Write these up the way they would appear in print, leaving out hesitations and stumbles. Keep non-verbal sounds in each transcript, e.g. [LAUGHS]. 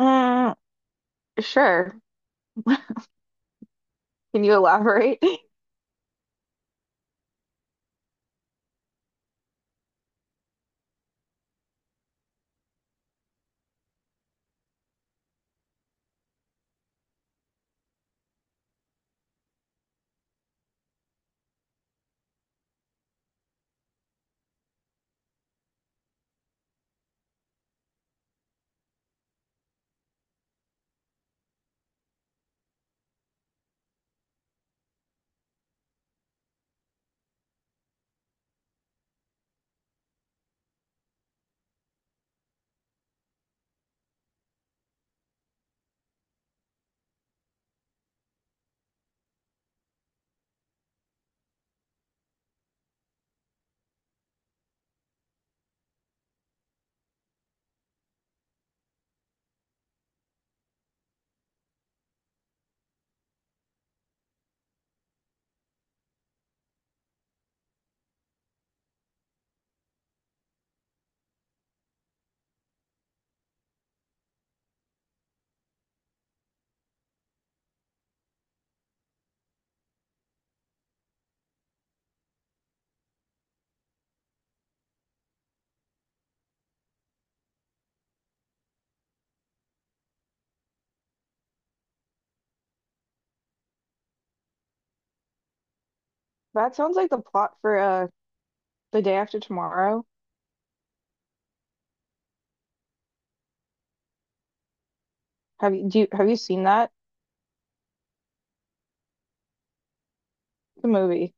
Mm, sure. Can you elaborate? [LAUGHS] That sounds like the plot for The Day After Tomorrow. Have you seen that? The movie.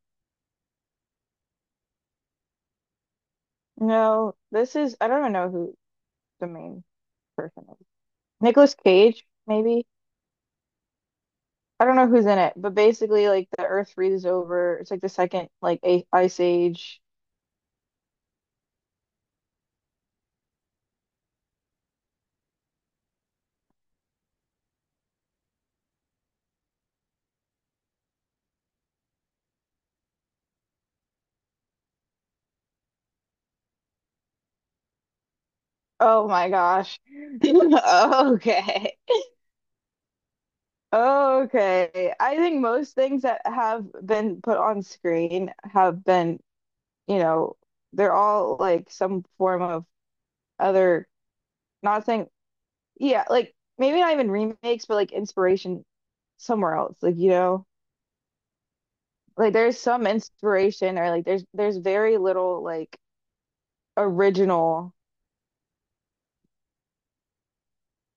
No, this is I don't even know who the main person is. Nicolas Cage, maybe? I don't know who's in it, but basically like the Earth freezes over. It's like the second like a ice age. Oh my gosh. [LAUGHS] Okay. Okay. I think most things that have been put on screen have been you know, they're all like some form of other, not saying, yeah, like maybe not even remakes, but like inspiration somewhere else. Like, like there's some inspiration or like there's very little like original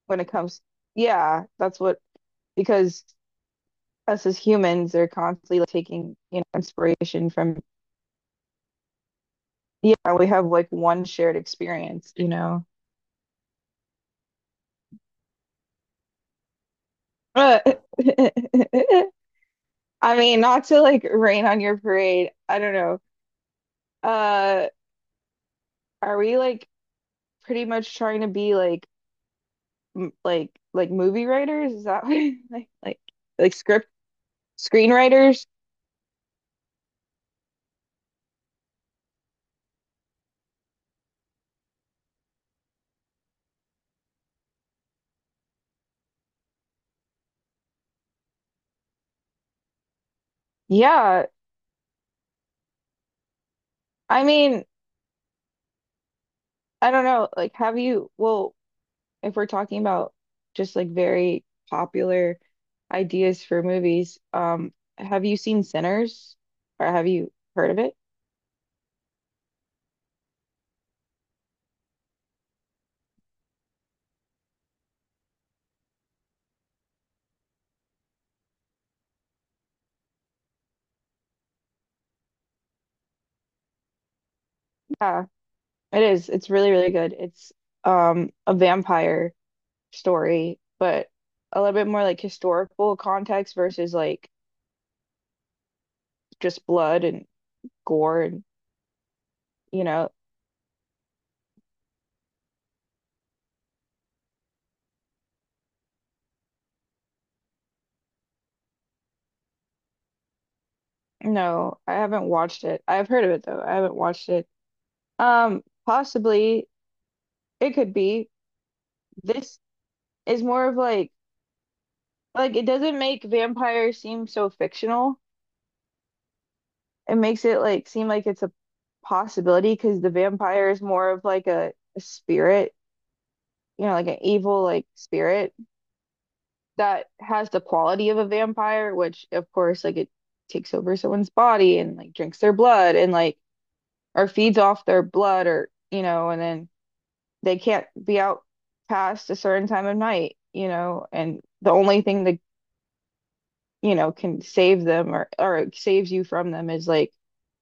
when it comes, yeah, that's what, because us as humans are constantly like taking, you know, inspiration from, yeah, we have like one shared experience, you know. [LAUGHS] I mean, not to like rain on your parade. I don't know. Uh, are we like pretty much trying to be like m like movie writers? Is that what [LAUGHS] like like script screenwriters? Yeah. I mean, I don't know. Like, have you? Well, if we're talking about just like very popular ideas for movies, have you seen Sinners? Or have you heard of it? Yeah, it is. It's really really good. It's a vampire story, but a little bit more like historical context versus like just blood and gore, and you know. No, I haven't watched it. I've heard of it though. I haven't watched it. Possibly it could be. This is more of like it doesn't make vampires seem so fictional. It makes it like seem like it's a possibility because the vampire is more of like a spirit, you know, like an evil like spirit that has the quality of a vampire, which of course, like it takes over someone's body and like drinks their blood and like or feeds off their blood or, you know, and then they can't be out past a certain time of night, you know, and the only thing that you know can save them or saves you from them is like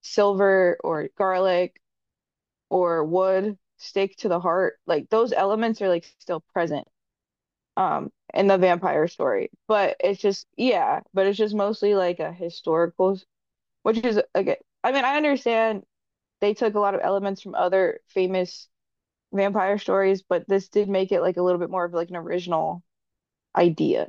silver or garlic or wood stake to the heart. Like those elements are like still present in the vampire story, but it's just, yeah, but it's just mostly like a historical, which is again, I mean I understand they took a lot of elements from other famous vampire stories, but this did make it like a little bit more of like an original idea.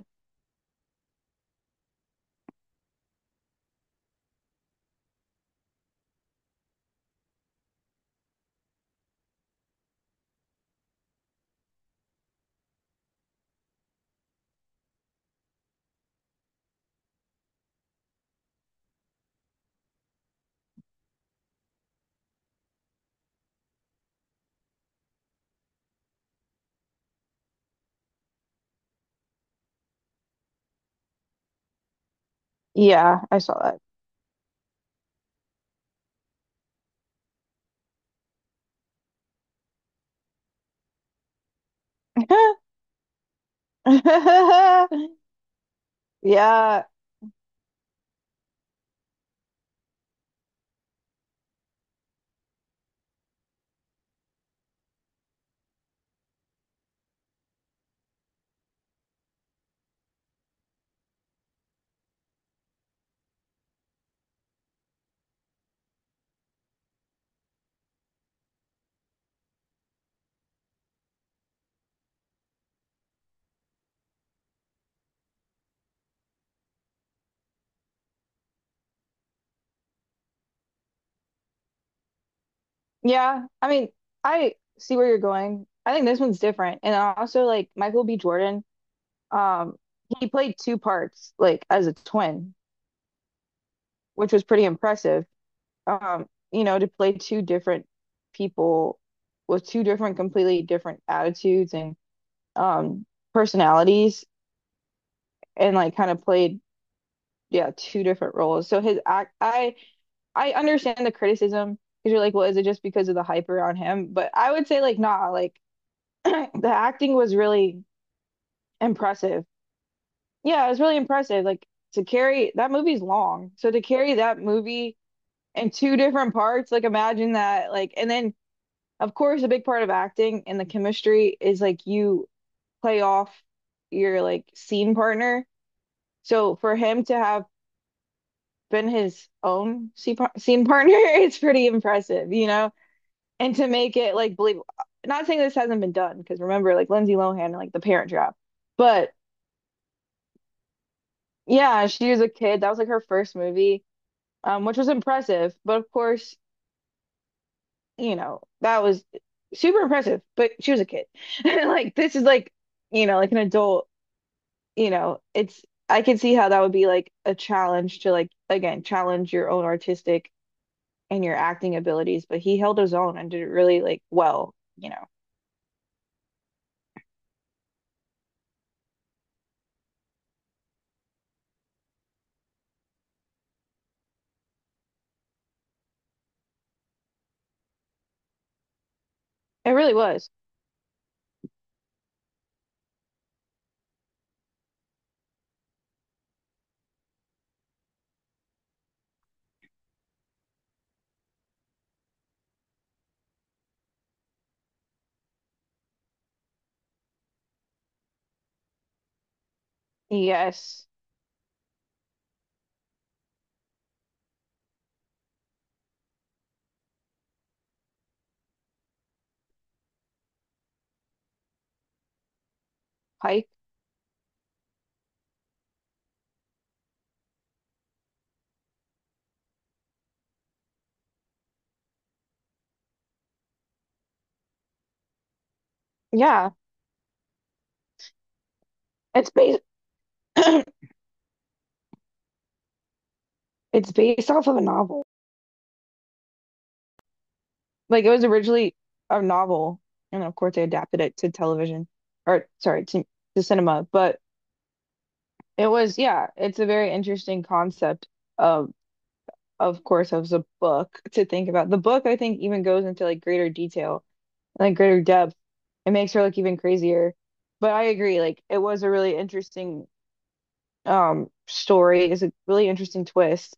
Yeah, I saw that. [LAUGHS] Yeah, yeah, I mean, I see where you're going. I think this one's different, and also like Michael B. Jordan, um he played two parts like as a twin, which was pretty impressive. You know, to play two different people with two different, completely different attitudes and um personalities, and like kind of played, yeah, two different roles. So his act I understand the criticism because you're like, well, is it just because of the hype around him? But I would say like nah, like [CLEARS THROAT] the acting was really impressive. Yeah, it was really impressive. Like to carry that movie's long. So to carry that movie in two different parts, like imagine that, like and then of course, a big part of acting and the chemistry is like you play off your like scene partner. So for him to have been his own scene partner, [LAUGHS] it's pretty impressive, you know? And to make it like believable. Not saying this hasn't been done, because remember, like Lindsay Lohan and like The Parent Trap. But yeah, she was a kid. That was like her first movie, which was impressive. But of course, you know, that was super impressive, but she was a kid. [LAUGHS] Like this is like, you know, like an adult, you know, it's I can see how that would be like a challenge to like again challenge your own artistic and your acting abilities, but he held his own and did it really like well, you know. It really was. Yes, Pike. Yeah, it's based it's based off of a novel. Like it was originally a novel, and of course they adapted it to television, or sorry, to cinema, but it was, yeah, it's a very interesting concept of of course, of the book to think about. The book I think even goes into like greater detail, like greater depth. It makes her look even crazier. But I agree, like it was a really interesting story. It's a really interesting twist.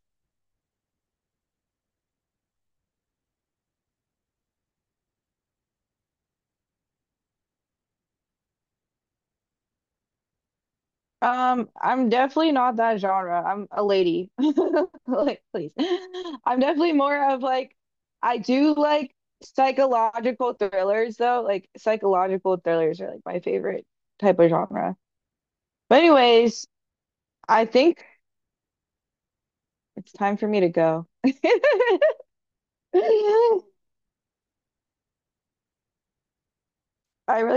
I'm definitely not that genre. I'm a lady. [LAUGHS] Like, please. I'm definitely more of like, I do like psychological thrillers though. Like psychological thrillers are like my favorite type of genre. But anyways, I think it's time for me to go. [LAUGHS] I really